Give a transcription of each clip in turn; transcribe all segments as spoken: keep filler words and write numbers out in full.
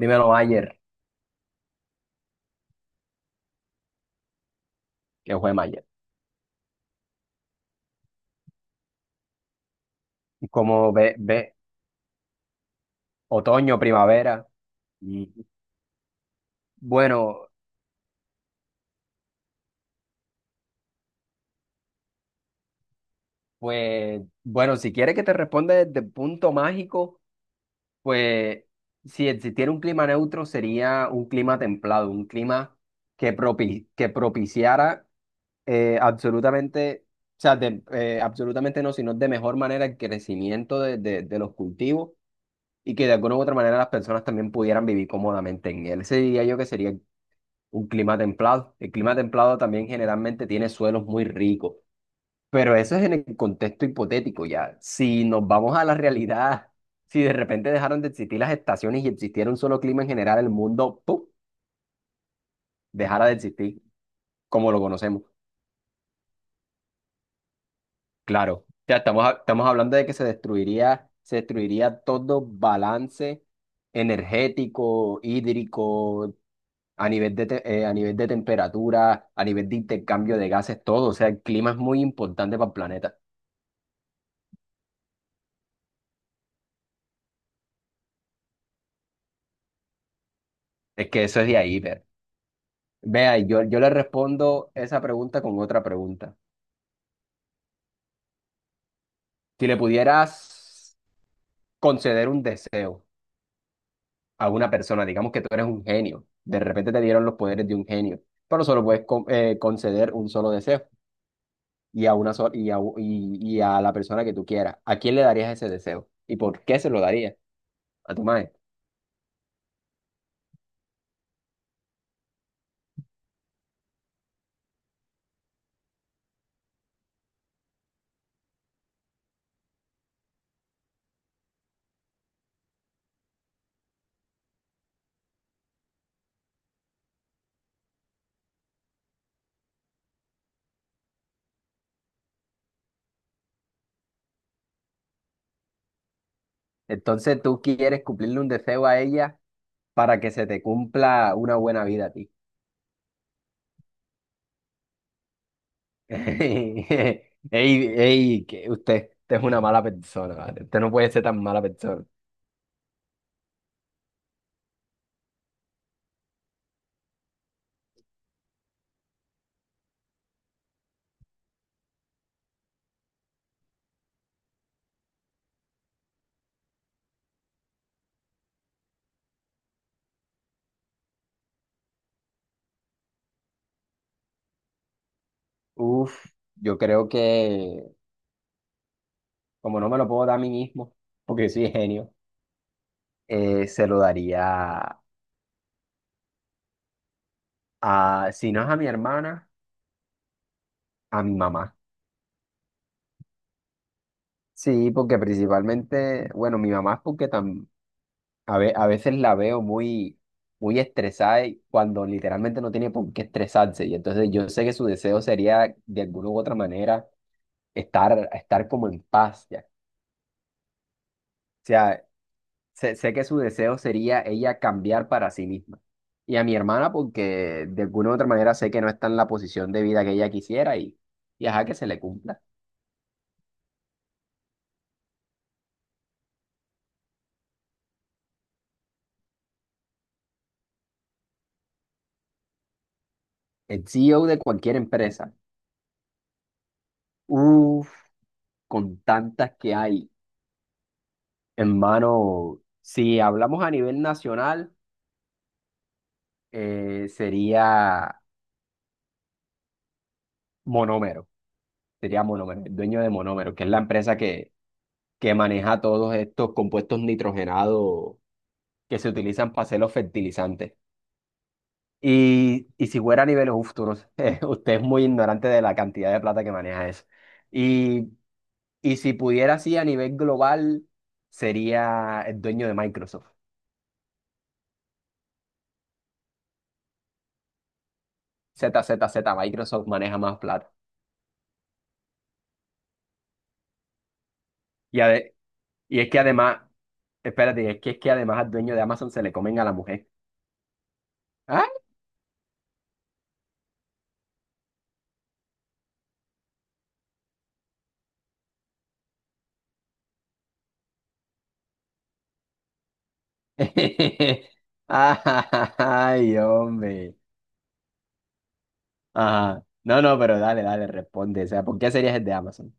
Dímelo, Mayer, que fue Mayer. ¿Cómo ve, ve otoño, primavera? Mm. Bueno, pues, bueno, si quieres que te responda desde el punto mágico, pues si existiera un clima neutro sería un clima templado, un clima que, propi- que propiciara eh, absolutamente, o sea, de- eh, absolutamente no, sino de mejor manera el crecimiento de, de- de los cultivos y que de alguna u otra manera las personas también pudieran vivir cómodamente en él. Ese diría yo que sería un clima templado. El clima templado también generalmente tiene suelos muy ricos, pero eso es en el contexto hipotético ya. Si nos vamos a la realidad, si de repente dejaron de existir las estaciones y existiera un solo clima en general, el mundo, ¡pum!, dejara de existir como lo conocemos. Claro, ya estamos, ha- estamos hablando de que se destruiría, se destruiría todo balance energético, hídrico, a nivel de, te- eh, a nivel de temperatura, a nivel de intercambio de gases, todo. O sea, el clima es muy importante para el planeta. Es que eso es de ahí, pero. Vea, yo, yo le respondo esa pregunta con otra pregunta. Si le pudieras conceder un deseo a una persona, digamos que tú eres un genio, de repente te dieron los poderes de un genio, pero solo puedes con- eh, conceder un solo deseo y a una sola, y a, u- y, y a la persona que tú quieras. ¿A quién le darías ese deseo? ¿Y por qué se lo darías? ¿A tu madre? Entonces tú quieres cumplirle un deseo a ella para que se te cumpla una buena vida a ti. Ey, ey, que usted, usted es una mala persona, ¿vale? Usted no puede ser tan mala persona. Uf, yo creo que como no me lo puedo dar a mí mismo, porque soy genio, eh, se lo daría a, si no es a mi hermana, a mi mamá. Sí, porque principalmente, bueno, mi mamá es porque tam- A ve- a veces la veo muy, muy estresada y cuando literalmente no tiene por qué estresarse. Y entonces yo sé que su deseo sería, de alguna u otra manera, estar, estar como en paz ya. O sea, sé, sé que su deseo sería ella cambiar para sí misma. Y a mi hermana, porque de alguna u otra manera sé que no está en la posición de vida que ella quisiera y, y ajá, que se le cumpla. El C E O de cualquier empresa, uff, con tantas que hay en mano, si hablamos a nivel nacional. Eh, sería Monómero, sería Monómero, el dueño de Monómero, que es la empresa que, que maneja todos estos compuestos nitrogenados que se utilizan para hacer los fertilizantes. Y, y si fuera a niveles, uf, tú no sé, usted es muy ignorante de la cantidad de plata que maneja eso. Y, y si pudiera así a nivel global, sería el dueño de Microsoft. Z Z Z Microsoft maneja más plata. Y, ade- y es que además, espérate, es que, es que además al dueño de Amazon se le comen a la mujer. ¡Ah! Ay, hombre. Ajá. No, no, pero dale, dale, responde. O sea, ¿por qué serías el de Amazon?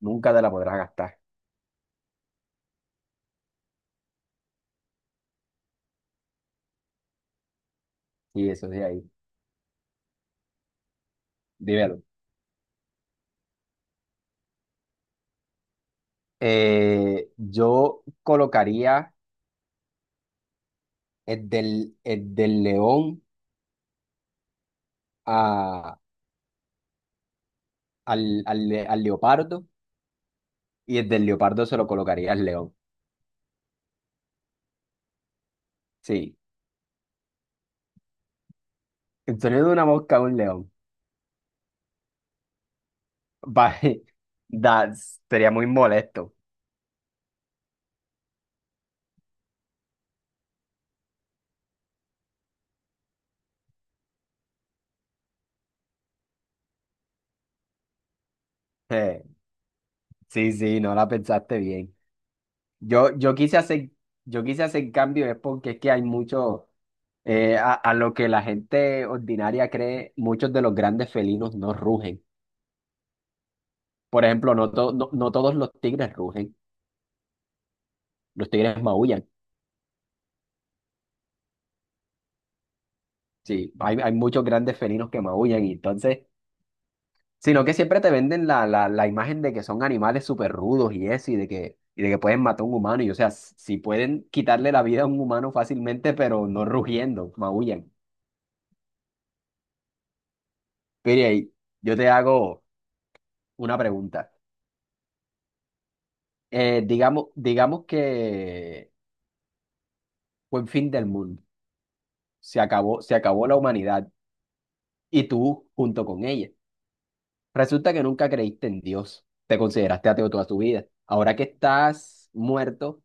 Nunca te la podrás gastar. Sí, eso sí, ahí. Dímelo. Eh, yo colocaría el del, el del león a, al, al, le- al leopardo y el del leopardo se lo colocaría al león. Sí. El sonido de una mosca a un león. Va- da- sería muy molesto. Eh, sí, sí, no la pensaste bien. Yo, yo quise hacer, yo quise hacer cambio es porque es que hay mucho, eh, a, a lo que la gente ordinaria cree, muchos de los grandes felinos no rugen. Por ejemplo, no, to- no, no todos los tigres rugen, los tigres maullan. Sí, hay, hay muchos grandes felinos que maullan y entonces, sino que siempre te venden la, la, la imagen de que son animales súper rudos y eso, y de que, y de que pueden matar a un humano. Y o sea, s- si pueden quitarle la vida a un humano fácilmente, pero no rugiendo, maullan. Pero yo te hago una pregunta. Eh, digamos, digamos que fue el fin del mundo. Se acabó, se acabó la humanidad y tú junto con ella. Resulta que nunca creíste en Dios. Te consideraste ateo toda tu vida. Ahora que estás muerto,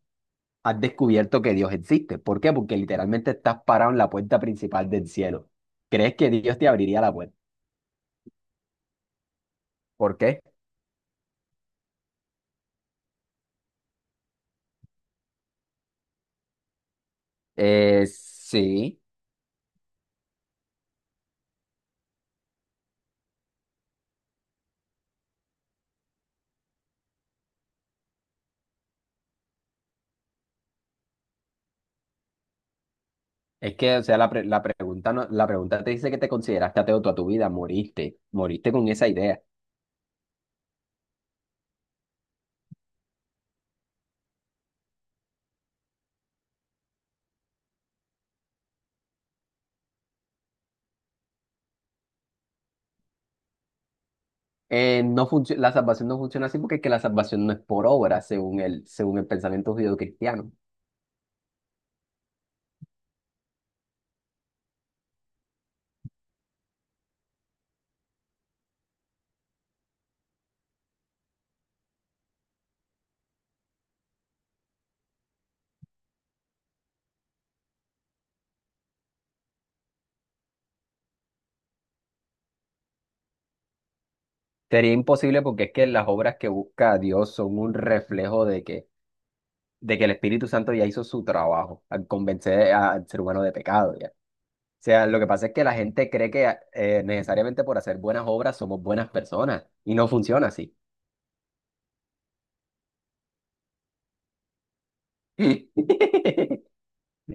has descubierto que Dios existe. ¿Por qué? Porque literalmente estás parado en la puerta principal del cielo. ¿Crees que Dios te abriría la puerta? ¿Por qué? Eh, sí. Es que, o sea, la, pre- la pregunta no- la pregunta te dice que te consideraste ateo toda tu vida, moriste, moriste con esa idea. Eh, no func- la salvación no funciona así porque es que la salvación no es por obra, según el, según el pensamiento judeocristiano. Sería imposible porque es que las obras que busca Dios son un reflejo de que, de que el Espíritu Santo ya hizo su trabajo al convencer a- al ser humano de pecado, ya. O sea, lo que pasa es que la gente cree que eh, necesariamente por hacer buenas obras somos buenas personas y no funciona así.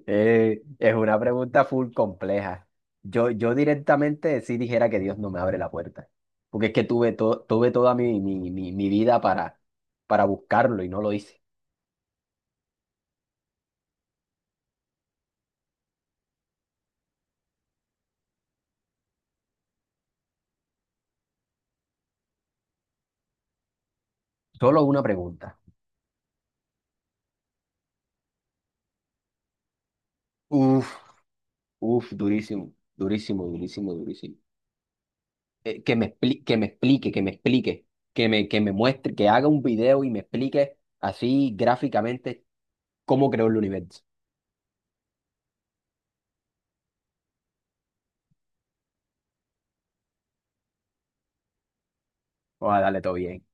Eh, es una pregunta full compleja. Yo, yo directamente sí dijera que Dios no me abre la puerta, porque es que tuve, to- tuve toda mi, mi, mi, mi vida para, para buscarlo y no lo hice. Solo una pregunta. Uf, uf, durísimo, durísimo, durísimo, durísimo. Eh, que me expli- que me explique, que me explique, que me, que me muestre, que haga un video y me explique así gráficamente cómo creó el universo. Vamos a darle todo bien.